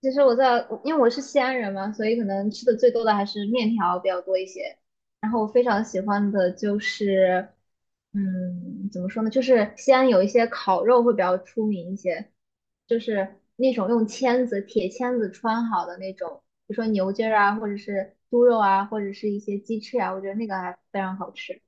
其实因为我是西安人嘛，所以可能吃的最多的还是面条比较多一些。然后我非常喜欢的就是，怎么说呢？就是西安有一些烤肉会比较出名一些，就是那种用签子、铁签子穿好的那种，比如说牛筋儿啊，或者是猪肉啊，或者是一些鸡翅啊，我觉得那个还非常好吃。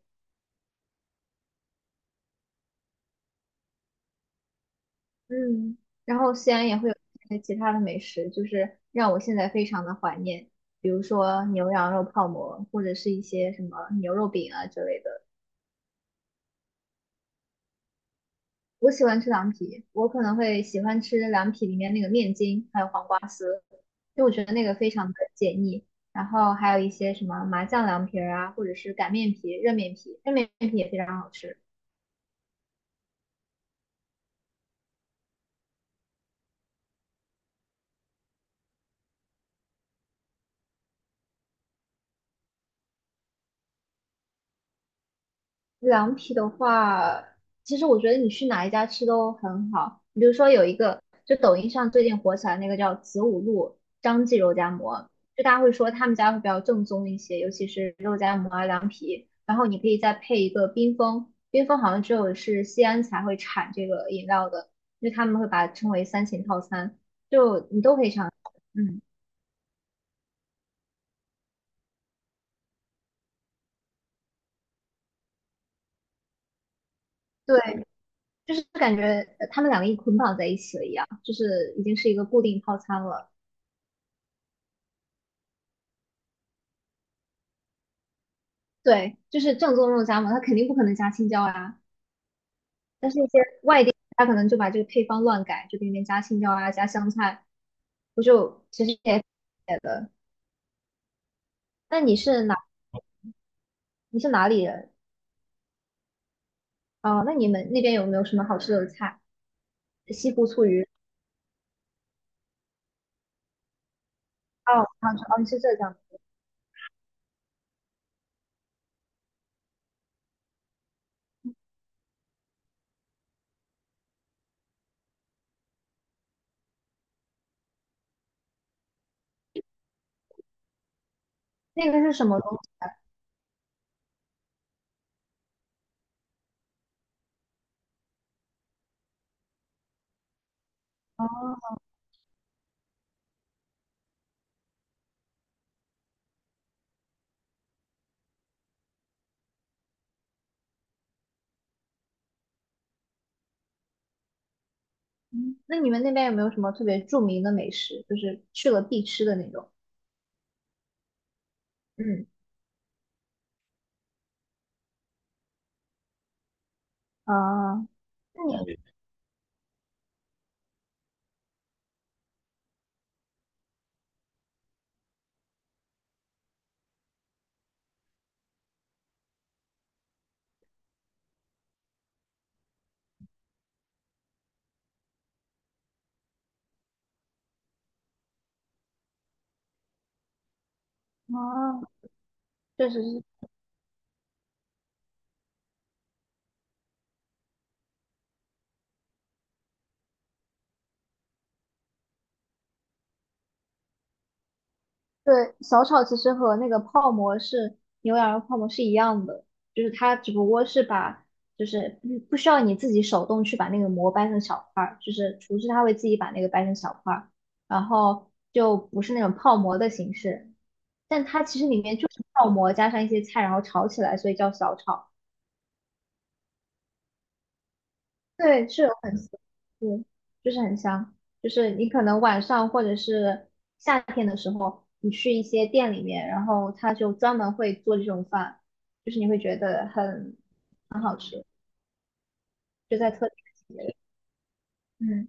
嗯，然后西安也会有一些其他的美食，就是让我现在非常的怀念，比如说牛羊肉泡馍，或者是一些什么牛肉饼啊之类的。我喜欢吃凉皮，我可能会喜欢吃凉皮里面那个面筋，还有黄瓜丝，因为我觉得那个非常的解腻。然后还有一些什么麻酱凉皮儿啊，或者是擀面皮、热面皮，热面皮也非常好吃。凉皮的话，其实我觉得你去哪一家吃都很好。比如说有一个，就抖音上最近火起来那个叫子午路张记肉夹馍，就大家会说他们家会比较正宗一些，尤其是肉夹馍啊、凉皮。然后你可以再配一个冰峰，冰峰好像只有是西安才会产这个饮料的，因为他们会把它称为三秦套餐，就你都可以尝试。嗯，对，就是感觉他们两个一捆绑在一起了一样，就是已经是一个固定套餐了。对，就是正宗肉夹馍，它肯定不可能加青椒啊。但是，一些外地他可能就把这个配方乱改，就给里面加青椒啊，加香菜，我就其实也的。那你是哪？你是哪里人？哦，那你们那边有没有什么好吃的菜？西湖醋鱼。哦，杭州，哦，你是浙江的，那个是什么东西？哦，嗯那你们那边有没有什么特别著名的美食，就是去了必吃的那种？嗯，啊，那你，啊。哦，确实是对，小炒其实和那个泡馍是牛羊肉泡馍是一样的，就是它只不过是把，就是不需要你自己手动去把那个馍掰成小块儿，就是厨师他会自己把那个掰成小块儿，然后就不是那种泡馍的形式，但它其实里面就是泡馍加上一些菜，然后炒起来，所以叫小炒。对，是有很香，嗯，就是很香。就是你可能晚上或者是夏天的时候，你去一些店里面，然后他就专门会做这种饭，就是你会觉得很好吃，就在特定的节日。嗯，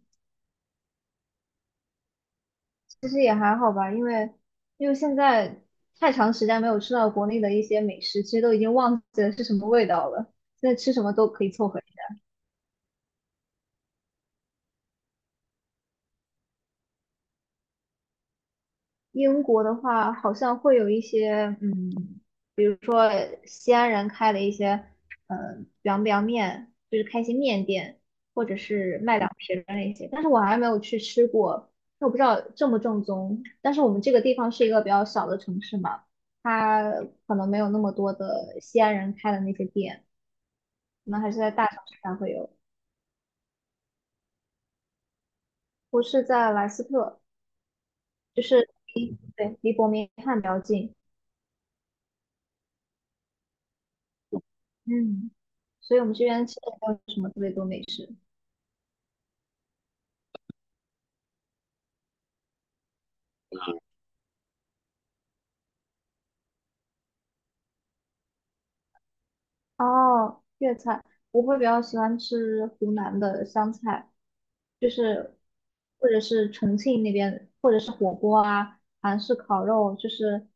其实也还好吧，因为因为现在太长时间没有吃到国内的一些美食，其实都已经忘记了是什么味道了，现在吃什么都可以凑合。英国的话，好像会有一些，比如说西安人开的一些，呃，凉面，就是开一些面店，或者是卖凉皮儿的那些，但是我还没有去吃过，那我不知道正不正宗。但是我们这个地方是一个比较小的城市嘛，它可能没有那么多的西安人开的那些店，可能还是在大城市才会有。我是在莱斯特，就是离伯明翰比较近。嗯，所以我们这边其实没有什么特别多美食。哦，粤菜，我会比较喜欢吃湖南的湘菜，就是或者是重庆那边，或者是火锅啊，韩式烤肉，就是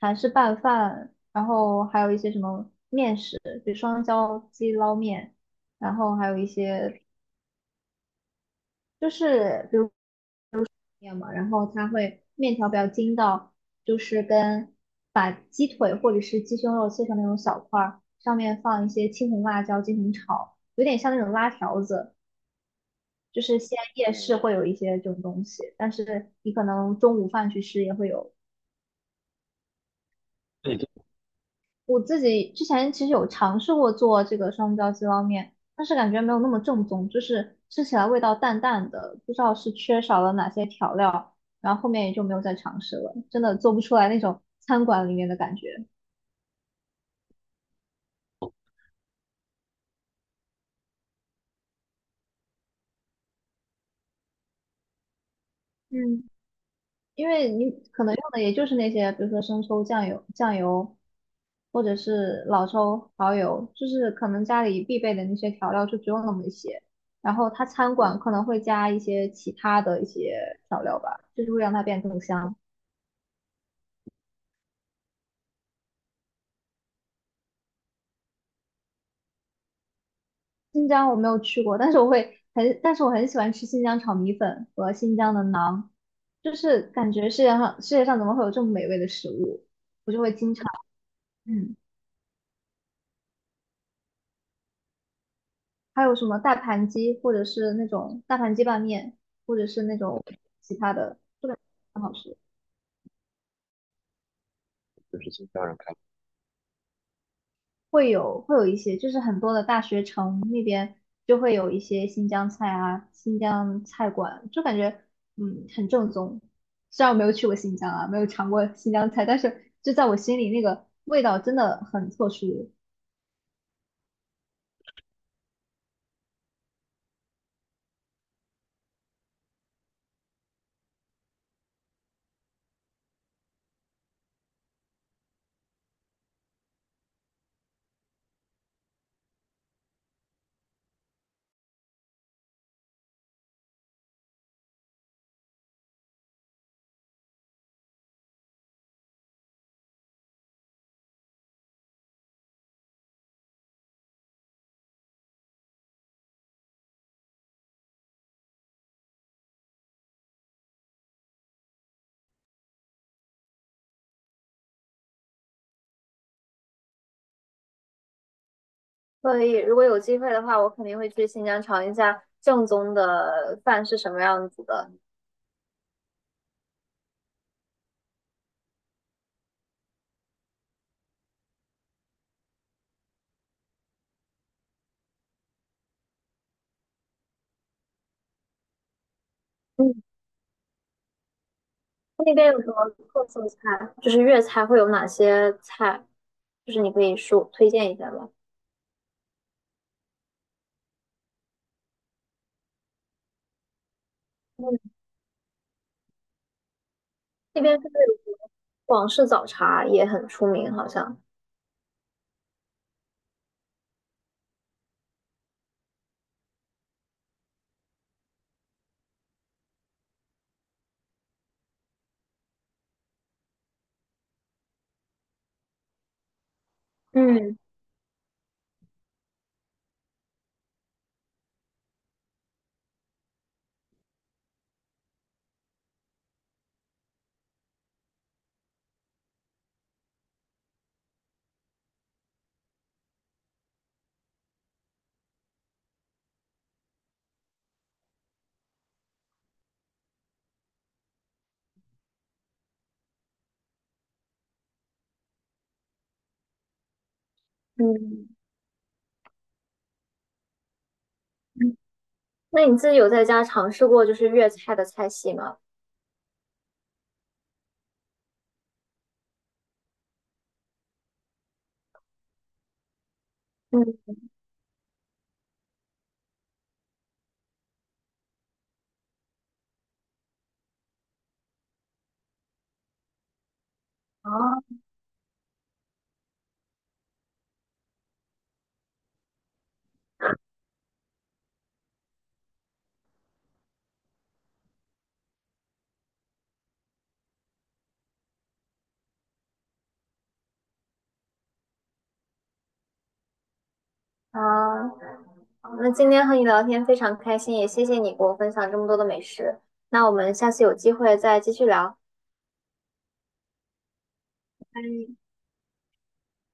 韩式拌饭，然后还有一些什么面食，比如双椒鸡捞面，然后还有一些。就是比如。面嘛，然后它会面条比较筋道，就是跟把鸡腿或者是鸡胸肉切成那种小块儿，上面放一些青红辣椒进行炒，有点像那种拉条子，就是西安夜市会有一些这种东西，但是你可能中午饭去吃也会有。我自己之前其实有尝试过做这个双椒鸡捞面，但是感觉没有那么正宗，就是吃起来味道淡淡的，不知道是缺少了哪些调料，然后后面也就没有再尝试了，真的做不出来那种餐馆里面的感觉。嗯。因为你可能用的也就是那些，比如说生抽、酱油、酱油，或者是老抽、蚝油，就是可能家里必备的那些调料就只有那么一些。然后它餐馆可能会加一些其他的一些调料吧，就是会让它变得更香。新疆我没有去过，但是我会很，但是我很喜欢吃新疆炒米粉和新疆的馕，就是感觉世界上怎么会有这么美味的食物，我就会经常。嗯。还有什么大盘鸡，或者是那种大盘鸡拌面，或者是那种其他的，这个很好吃。会有一些，就是很多的大学城那边就会有一些新疆菜啊，新疆菜馆，就感觉很正宗。虽然我没有去过新疆啊，没有尝过新疆菜，但是就在我心里那个味道真的很特殊。所以，如果有机会的话，我肯定会去新疆尝一下正宗的饭是什么样子的。嗯。那边有什么特色菜？就是粤菜会有哪些菜？就是你可以说推荐一下吧。嗯那边是不是有什么广式早茶也很出名？好像。嗯嗯嗯那你自己有在家尝试过就是粤菜的菜系吗？嗯，哦，啊，好那今天和你聊天非常开心，也谢谢你给我分享这么多的美食。那我们下次有机会再继续聊。